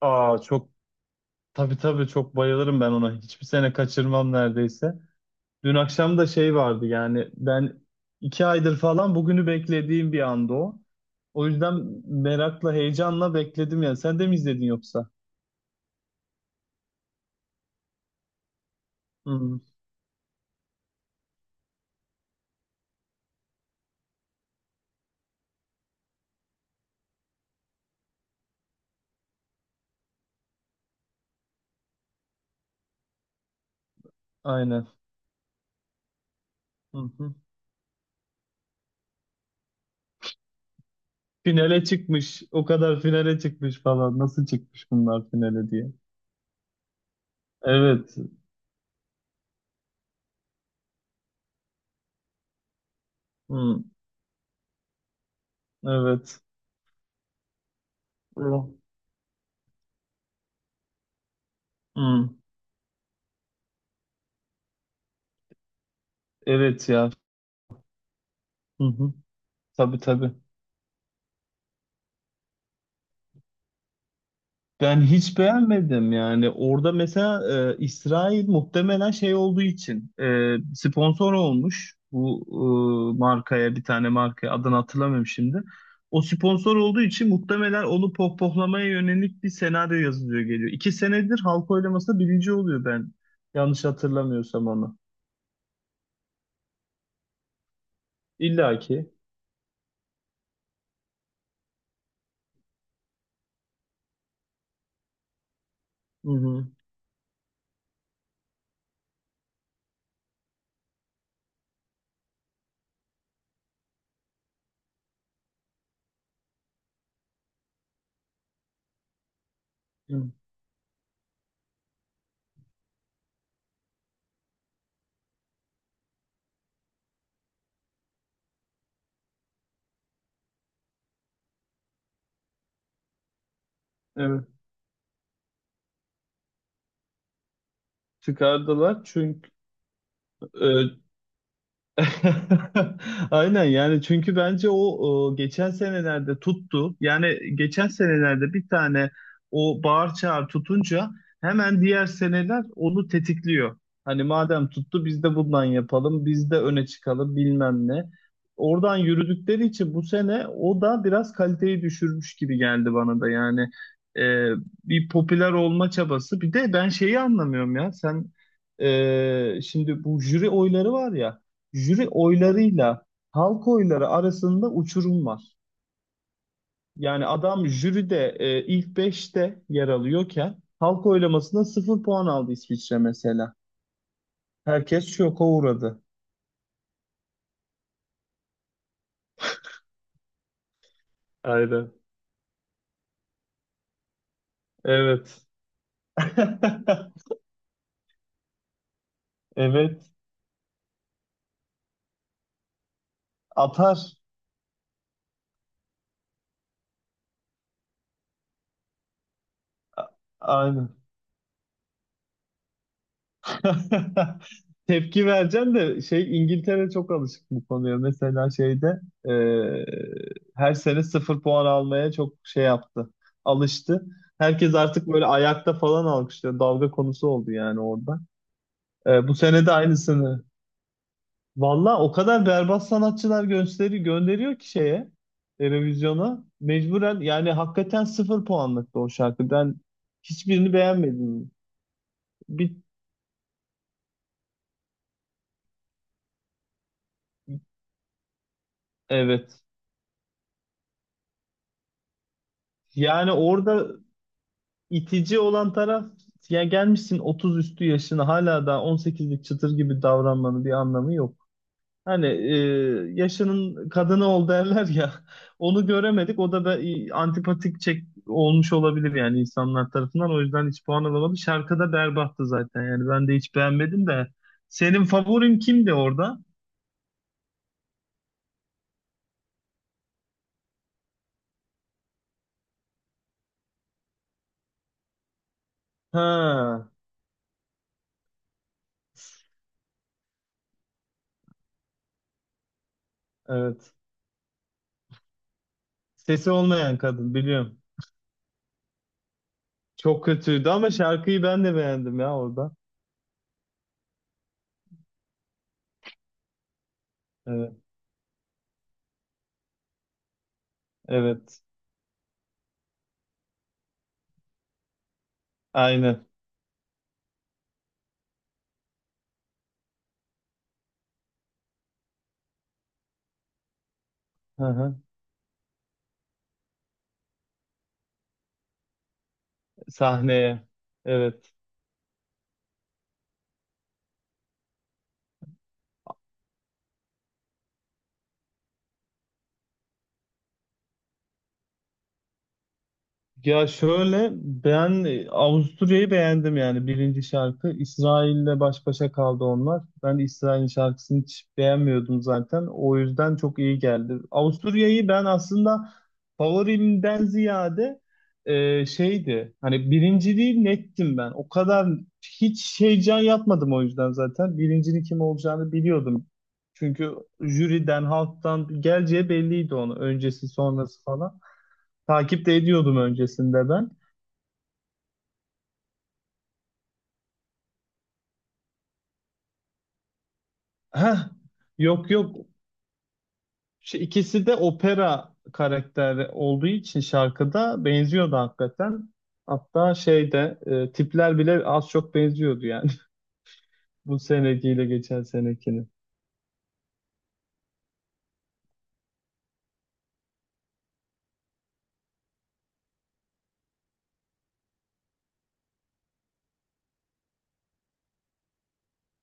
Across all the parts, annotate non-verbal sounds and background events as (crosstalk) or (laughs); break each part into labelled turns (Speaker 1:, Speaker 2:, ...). Speaker 1: Aa, çok tabii tabii çok bayılırım ben ona. Hiçbir sene kaçırmam neredeyse. Dün akşam da şey vardı yani ben 2 aydır falan bugünü beklediğim bir anda o. O yüzden merakla, heyecanla bekledim yani. Sen de mi izledin yoksa? Hı, aynen. Hı hı. Finale çıkmış. O kadar finale çıkmış falan. Nasıl çıkmış bunlar finale diye. Evet. Hı, evet. Hı. Hı, evet ya. Hı hı. Tabii tabii. Ben hiç beğenmedim yani. Orada mesela İsrail muhtemelen şey olduğu için sponsor olmuş bu markaya, bir tane markaya, adını hatırlamıyorum şimdi. O sponsor olduğu için muhtemelen onu pohpohlamaya yönelik bir senaryo yazılıyor geliyor. 2 senedir halk oylamasında birinci oluyor ben yanlış hatırlamıyorsam onu. İlla ki. Hı hı. Hı. Evet. Çıkardılar çünkü e, (laughs) Aynen yani çünkü bence o geçen senelerde tuttu. Yani geçen senelerde bir tane o bağır çağır tutunca hemen diğer seneler onu tetikliyor. Hani madem tuttu biz de bundan yapalım, biz de öne çıkalım bilmem ne. Oradan yürüdükleri için bu sene o da biraz kaliteyi düşürmüş gibi geldi bana da yani. e, Bir popüler olma çabası. Bir de ben şeyi anlamıyorum ya sen şimdi bu jüri oyları var ya, jüri oylarıyla halk oyları arasında uçurum var. Yani adam jüride ilk beşte yer alıyorken halk oylamasında sıfır puan aldı İsviçre mesela. Herkes şoka uğradı. Aynen. Evet. (laughs) Evet, atar. A- Aynen. (laughs) Tepki vereceğim de şey İngiltere çok alışık bu konuya. Mesela şeyde e, her sene sıfır puan almaya çok şey yaptı. Alıştı. Herkes artık böyle ayakta falan alkışlıyor. Dalga konusu oldu yani orada. Bu sene de aynısını. Valla o kadar berbat sanatçılar gösteri gönderiyor ki şeye, televizyona. Mecburen yani hakikaten sıfır puanlıktı o şarkı. Ben hiçbirini beğenmedim. Bir, evet. Yani orada itici olan taraf, ya gelmişsin 30 üstü yaşına hala daha 18'lik çıtır gibi davranmanın bir anlamı yok. Hani yaşının kadını ol derler ya, (laughs) onu göremedik, o da antipatik çek olmuş olabilir yani insanlar tarafından, o yüzden hiç puan alamadı. Şarkı da berbattı zaten yani, ben de hiç beğenmedim de. Senin favorin kimdi orada? Ha, evet, sesi olmayan kadın biliyorum. Çok kötüydü ama şarkıyı ben de beğendim ya orada. Evet, evet. Aynen. Hı hı. Sahneye. Evet. Ya şöyle, ben Avusturya'yı beğendim yani, birinci şarkı. İsrail'le baş başa kaldı onlar. Ben İsrail'in şarkısını hiç beğenmiyordum zaten. O yüzden çok iyi geldi. Avusturya'yı ben aslında favorimden ziyade şeydi. Hani birinciliği nettim ben. O kadar hiç heyecan yapmadım o yüzden zaten. Birincinin kim olacağını biliyordum. Çünkü jüriden, halktan geleceği belliydi onu. Öncesi, sonrası falan. Takip de ediyordum öncesinde ben. Heh, yok yok. Şu ikisi de opera karakteri olduğu için şarkıda benziyordu hakikaten. Hatta şeyde tipler bile az çok benziyordu yani. (laughs) Bu senekiyle geçen senekini.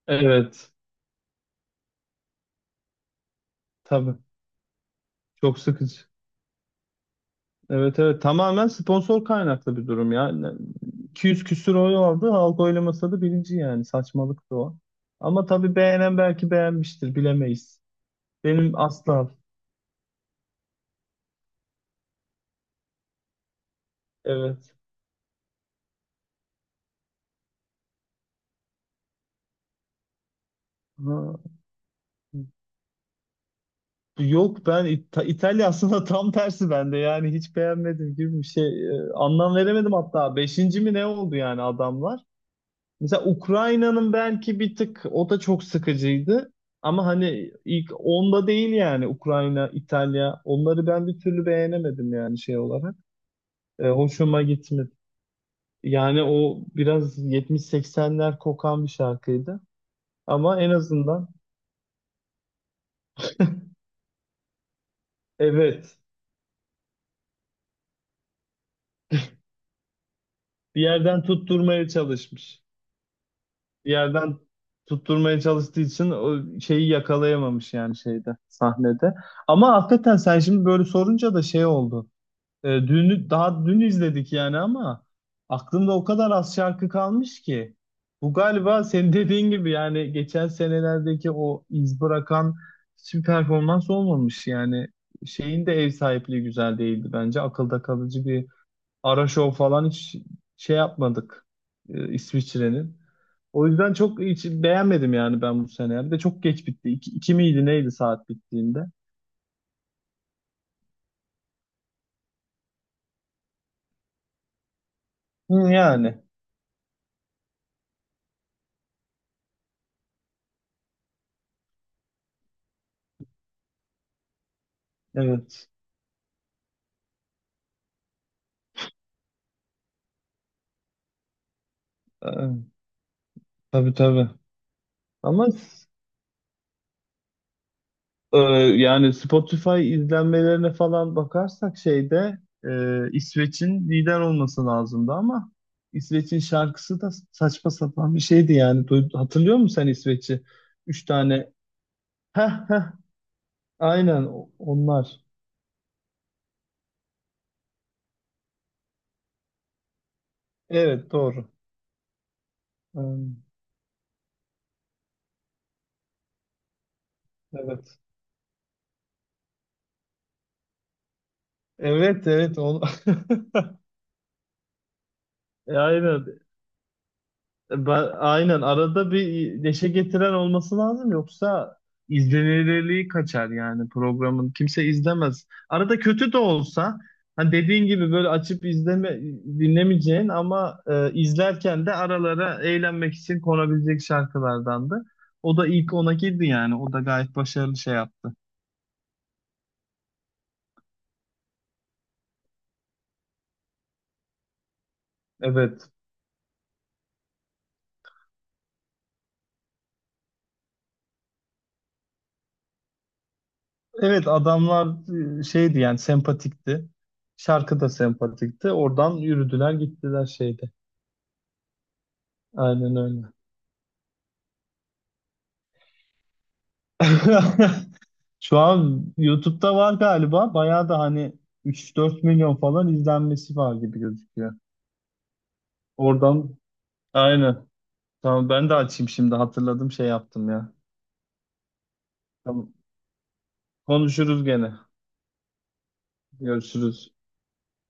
Speaker 1: Evet. Tabii. Çok sıkıcı. Evet evet. Tamamen sponsor kaynaklı bir durum ya. 200 küsür oy aldı. Halk oylamasa da birinci yani. Saçmalıktı o. Ama tabii beğenen belki beğenmiştir. Bilemeyiz. Benim asla. Evet. Ha, yok, ben İtalya aslında (laughs) tam tersi bende yani, hiç beğenmedim gibi bir şey. Anlam veremedim, hatta beşinci mi ne oldu yani adamlar. Mesela Ukrayna'nın, belki bir tık o da çok sıkıcıydı ama hani ilk onda değil yani Ukrayna, İtalya, onları ben bir türlü beğenemedim yani şey olarak. Hoşuma gitmedi. Yani o biraz 70 seksenler kokan bir şarkıydı, ama en azından evet, bir yerden tutturmaya çalışmış. Yerden tutturmaya çalıştığı için o şeyi yakalayamamış yani, şeyde, sahnede. Ama hakikaten sen şimdi böyle sorunca da şey oldu. Dünü daha dün izledik yani, ama aklımda o kadar az şarkı kalmış ki. Bu galiba senin (laughs) dediğin gibi yani, geçen senelerdeki o iz bırakan hiçbir performans olmamış yani. Şeyin de ev sahipliği güzel değildi bence. Akılda kalıcı bir ara şov falan hiç şey yapmadık. İsviçre'nin. O yüzden çok hiç beğenmedim yani ben bu sene. Bir de çok geç bitti. İki miydi neydi saat bittiğinde? Hı, yani evet. Ee, tabii tabii. Ama e, yani Spotify izlenmelerine falan bakarsak şeyde İsveç'in lider olması lazımdı ama İsveç'in şarkısı da saçma sapan bir şeydi yani. Hatırlıyor musun sen İsveç'i? 3 tane. Heh heh, aynen onlar. Evet doğru. Hmm, evet. Evet, evet. (laughs) Aynen. Ben, aynen. Arada bir neşe getiren olması lazım. Yoksa izlenirliği kaçar yani programın. Kimse izlemez. Arada kötü de olsa hani dediğin gibi böyle açıp izleme, dinlemeyeceğin ama izlerken de aralara eğlenmek için konabilecek şarkılardandı. O da ilk ona girdi yani. O da gayet başarılı şey yaptı. Evet. Evet adamlar şeydi yani, sempatikti. Şarkı da sempatikti. Oradan yürüdüler gittiler şeyde. Aynen öyle. (laughs) Şu an YouTube'da var galiba. Bayağı da hani 3-4 milyon falan izlenmesi var gibi gözüküyor. Oradan aynen. Tamam, ben de açayım şimdi, hatırladım şey yaptım ya. Tamam. Konuşuruz gene. Görüşürüz.